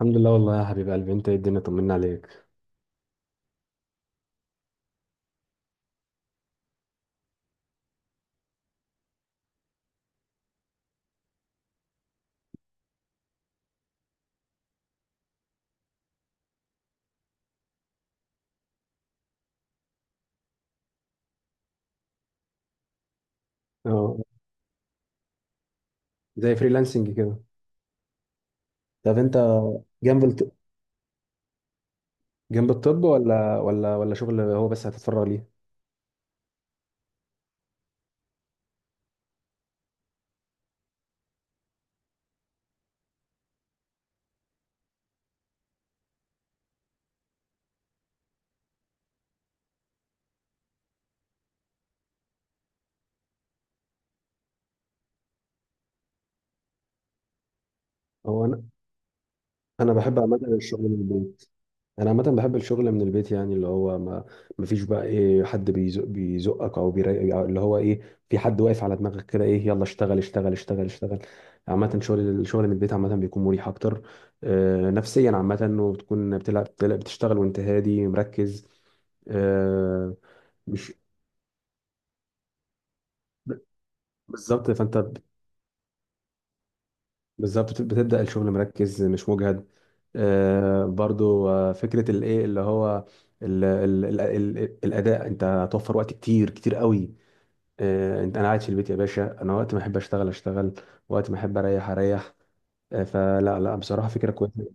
الحمد لله والله يا حبيب قلبي، انت ايه الدنيا، طمنا عليك. اه، زي فريلانسنج كده. طب انت جنب الط... جنب الطب ولا ولا شغل، هو بس هتتفرغ ليه؟ هو انا انا بحب عامه الشغل من البيت. انا عامه بحب الشغل من البيت، يعني اللي هو ما فيش بقى ايه حد بيزقك او أو اللي هو ايه، في حد واقف على دماغك كده، ايه، يلا اشتغل اشتغل. عامه شغل الشغل من البيت عامه بيكون مريح اكتر، آه، نفسيا عامه، وبتكون بتلعب بتشتغل وانت هادي مركز. آه. مش بالظبط. فانت بالظبط بتبدأ الشغل مركز مش مجهد. آه، برضو آه، فكرة الايه اللي هو ال ال ال ال الأداء، انت هتوفر وقت كتير قوي. آه، انا قاعد في البيت يا باشا، انا وقت ما احب اشتغل وقت ما احب اريح اريح. آه، لا بصراحة فكرة كويسة.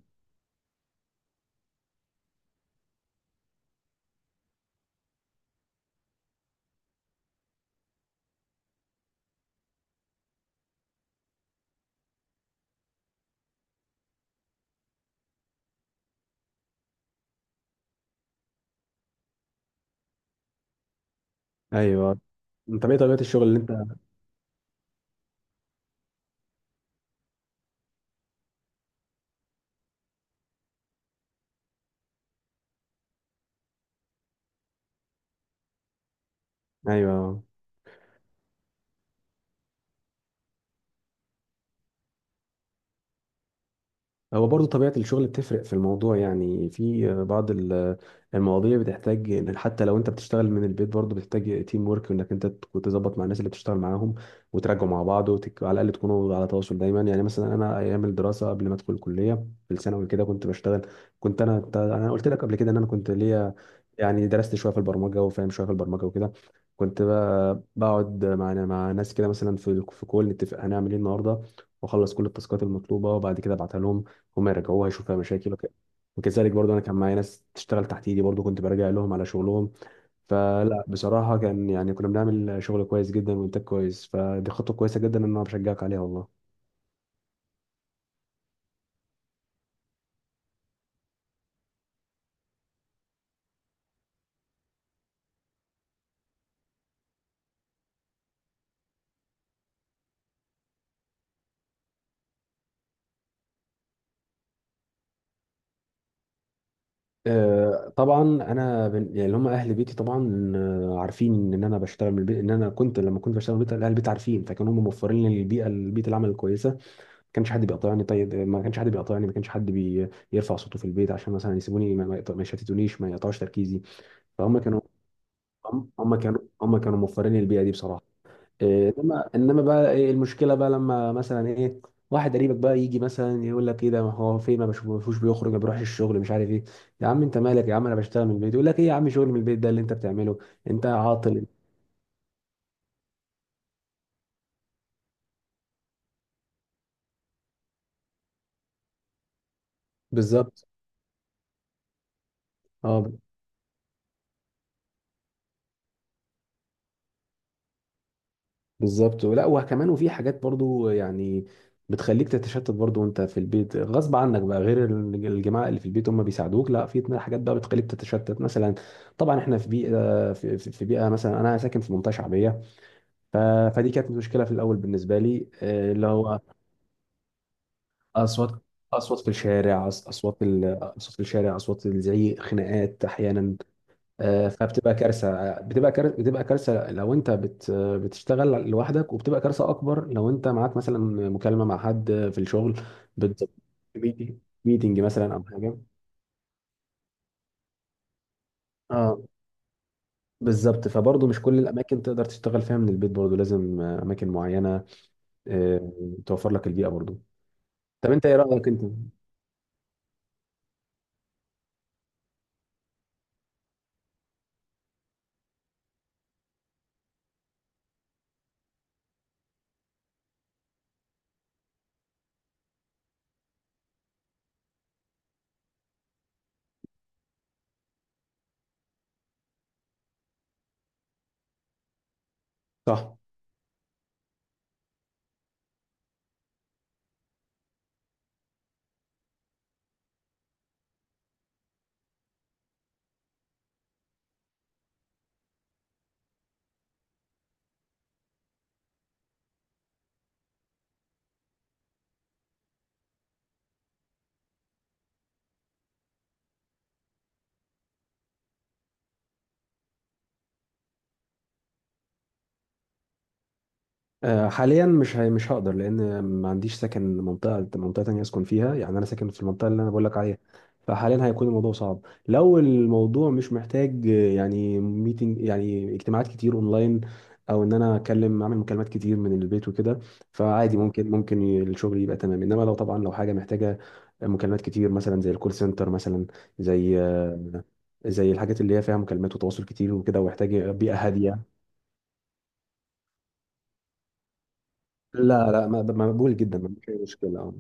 ايوه. انت ايه طبيعة الشغل اللي انت؟ ايوه، هو برضه طبيعة الشغل بتفرق في الموضوع، يعني في بعض المواضيع بتحتاج إن حتى لو انت بتشتغل من البيت برضه بتحتاج تيم ورك، وانك انت تكون تظبط مع الناس اللي بتشتغل معاهم وتراجعوا مع بعض على الاقل تكونوا على تواصل دايما. يعني مثلا انا ايام الدراسة قبل ما ادخل الكلية في الثانوي كده كنت بشتغل، انا قلت لك قبل كده ان انا كنت ليا يعني درست شوية في البرمجة وفاهم شوية في البرمجة وكده. كنت بقى بقعد مع ناس كده مثلا في كول، نتفق هنعمل ايه النهارده واخلص كل التاسكات المطلوبه وبعد كده ابعتها لهم، هم يرجعوها يشوف فيها مشاكل وكذلك برضه انا كان معايا ناس تشتغل تحت ايدي، برضه كنت براجع لهم على شغلهم. بصراحه كان يعني كنا بنعمل شغل كويس جدا وانتاج كويس، فدي خطوه كويسه جدا ان انا بشجعك عليها والله. آه، طبعا يعني اللي هم اهل بيتي طبعا، آه، عارفين ان انا بشتغل من البيت، ان انا كنت لما كنت بشتغل من البيت اهل البيت عارفين، فكانوا هم موفرين لي البيئه العمل الكويسه. ما كانش حد بيقاطعني، طيب، ما كانش حد بيقاطعني، ما كانش حد يرفع صوته في البيت، عشان مثلا يسيبوني ما يشتتونيش، ما يقطعوش تركيزي. فهم كانوا، هم كانوا هم كانوا موفرين البيئه دي بصراحه. إيه، انما بقى إيه المشكله بقى، لما مثلا ايه واحد قريبك بقى يجي مثلا يقول لك ايه ده، ما هو فين، ما بشوفوش بيخرج، ما بيروحش الشغل، مش عارف ايه. يا عم انت مالك، يا عم انا بشتغل من البيت، يقول لك ايه يا عم شغل من البيت ده اللي انت بتعمله، انت عاطل. بالظبط. اه بالظبط، لا وكمان وفي حاجات برضو يعني بتخليك تتشتت برضو وانت في البيت غصب عنك بقى، غير الجماعه اللي في البيت هم بيساعدوك، لا في اتنين حاجات بقى بتخليك تتشتت مثلا، طبعا احنا في بيئه، في بيئه، مثلا انا ساكن في منطقه شعبيه. ف- فدي كانت مشكله في الاول بالنسبه لي، آه، اللي هو اصوات، اصوات اصوات في الشارع، اصوات الزعيق، خناقات احيانا. آه، فبتبقى كارثه، آه، بتبقى كارثه، بتبقى كارثه لو انت بتشتغل لوحدك، وبتبقى كارثه اكبر لو انت معاك مثلا مكالمه مع حد في الشغل، بت... ميتنج، ميتنج مثلا او حاجه. اه بالظبط، فبرضه مش كل الاماكن تقدر تشتغل فيها من البيت، برضه لازم آه، اماكن معينه، آه، توفر لك البيئه برضه. طب انت ايه رايك انت؟ صح، آه، حاليا مش هقدر، لان ما عنديش سكن منطقه، منطقه تانية اسكن فيها، يعني انا ساكن في المنطقه اللي انا بقول لك عليها، فحاليا هيكون الموضوع صعب. لو الموضوع مش محتاج آه، يعني ميتنج، يعني اجتماعات كتير اونلاين، او ان انا اكلم، اعمل مكالمات كتير من البيت وكده، فعادي، ممكن الشغل يبقى تمام، انما لو طبعا لو حاجه محتاجه مكالمات كتير مثلا زي الكول سنتر مثلا، زي آه، زي الحاجات اللي هي فيها مكالمات وتواصل كتير وكده ويحتاج بيئه هاديه. لا لا ما- مقبول جدا ما فيش أي مشكله آه.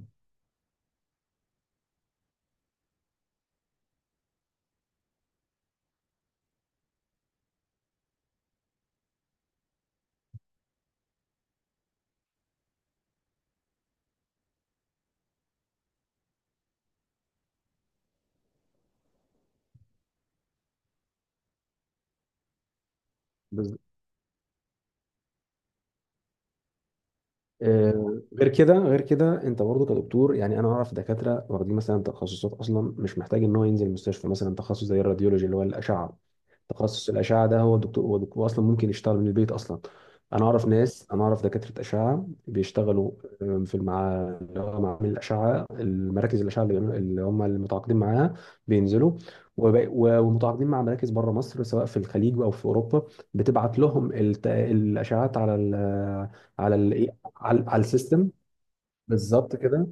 بالظبط. آه، غير كده، غير كده انت برضه كدكتور، يعني انا اعرف دكاتره واخدين مثلا تخصصات اصلا مش محتاج ان هو ينزل المستشفى، مثلا تخصص زي الراديولوجي اللي هو الاشعه، تخصص الاشعه ده هو دكتور، هو دكتور اصلا ممكن يشتغل من البيت اصلا. انا اعرف ناس، انا اعرف دكاتره اشعه بيشتغلوا آه، في مع اللي هو معامل الاشعه، المراكز الاشعه اللي بيعملوا اللي هم المتعاقدين معاها، بينزلوا ومتعاقدين مع مراكز بره مصر، سواء في الخليج او في اوروبا، بتبعت لهم الاشعات على ال- على ال على على السيستم. بالظبط كده.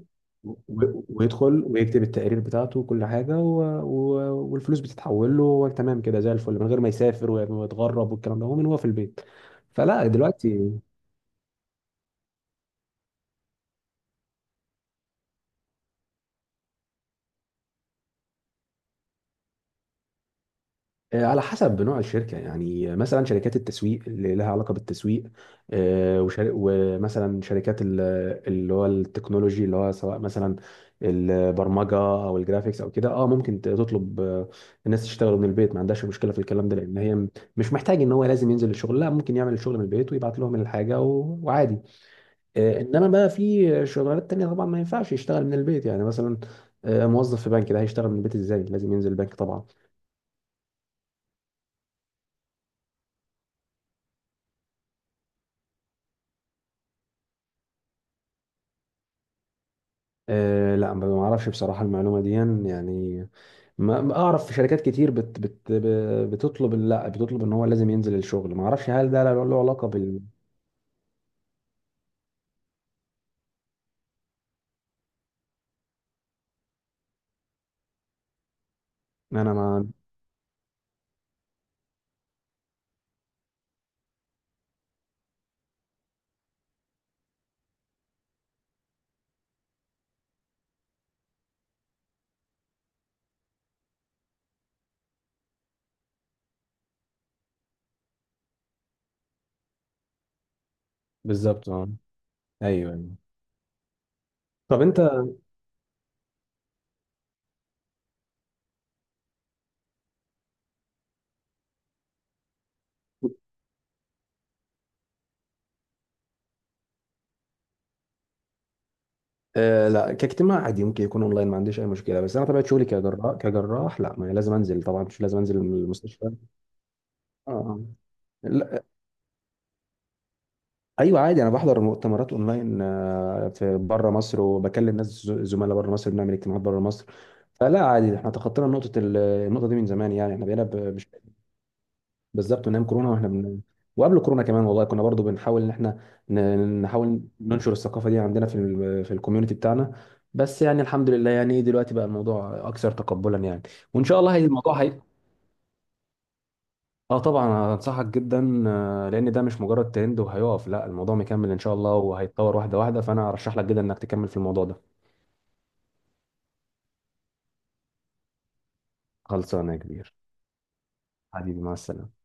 ويدخل ويكتب التقرير بتاعته وكل حاجه والفلوس بتتحول له، هو تمام كده زي الفل من غير ما يسافر ويتغرب والكلام ده، هو من هو في البيت. فلا دلوقتي آه، على حسب نوع الشركة، يعني مثلا شركات التسويق اللي لها علاقة بالتسويق، آه، وشر- ومثلا شركات اللي هو التكنولوجي، اللي هو سواء مثلا البرمجة أو الجرافيكس أو كده، اه ممكن تطلب آه، الناس تشتغل من البيت، ما عندهاش مشكلة في الكلام ده، لأن هي مش محتاج إن هو لازم ينزل الشغل، لا ممكن يعمل الشغل من البيت ويبعت لهم الحاجة وعادي. آه، إنما بقى في شغلانات تانية طبعا ما ينفعش يشتغل من البيت، يعني مثلا آه، موظف في بنك، ده هيشتغل من البيت ازاي؟ لازم ينزل البنك طبعا. أه لا ما اعرفش بصراحه المعلومه دي، يعني ما ما اعرف في شركات كتير بتطلب، لا بتطلب ان هو لازم ينزل الشغل، ما اعرفش هل ده له علاقه بال. انا ما، بالظبط. اه. ايوه، أيوة. طب انت. آه لا كاجتماع عادي ممكن يكون اونلاين، ما عنديش اي مشكله، بس انا طبيعه شغلي كجراح، لا، ما لازم انزل طبعا، مش لازم انزل المستشفى اه. آه. لا. ايوه عادي، انا بحضر مؤتمرات اونلاين آه، في بره مصر، وبكلم ناس زملاء بره مصر، بنعمل اجتماعات بره مصر. فلا عادي احنا تخطينا نقطة النقطة دي من زمان، يعني احنا بقينا مش بالظبط، من ايام كورونا واحنا وقبل كورونا كمان والله كنا برضو بنحاول ان احنا نحاول ننشر الثقافة دي عندنا في في الكوميونتي بتاعنا، بس يعني الحمد لله يعني دلوقتي بقى الموضوع اكثر تقبلا يعني. وان شاء الله اه طبعا انصحك جدا آه، لان ده مش مجرد ترند وهيقف، لا الموضوع مكمل ان شاء الله وهيتطور واحدة واحدة، فانا ارشح لك جدا انك تكمل في الموضوع ده. خلصانة يا كبير. حبيبي مع السلامة.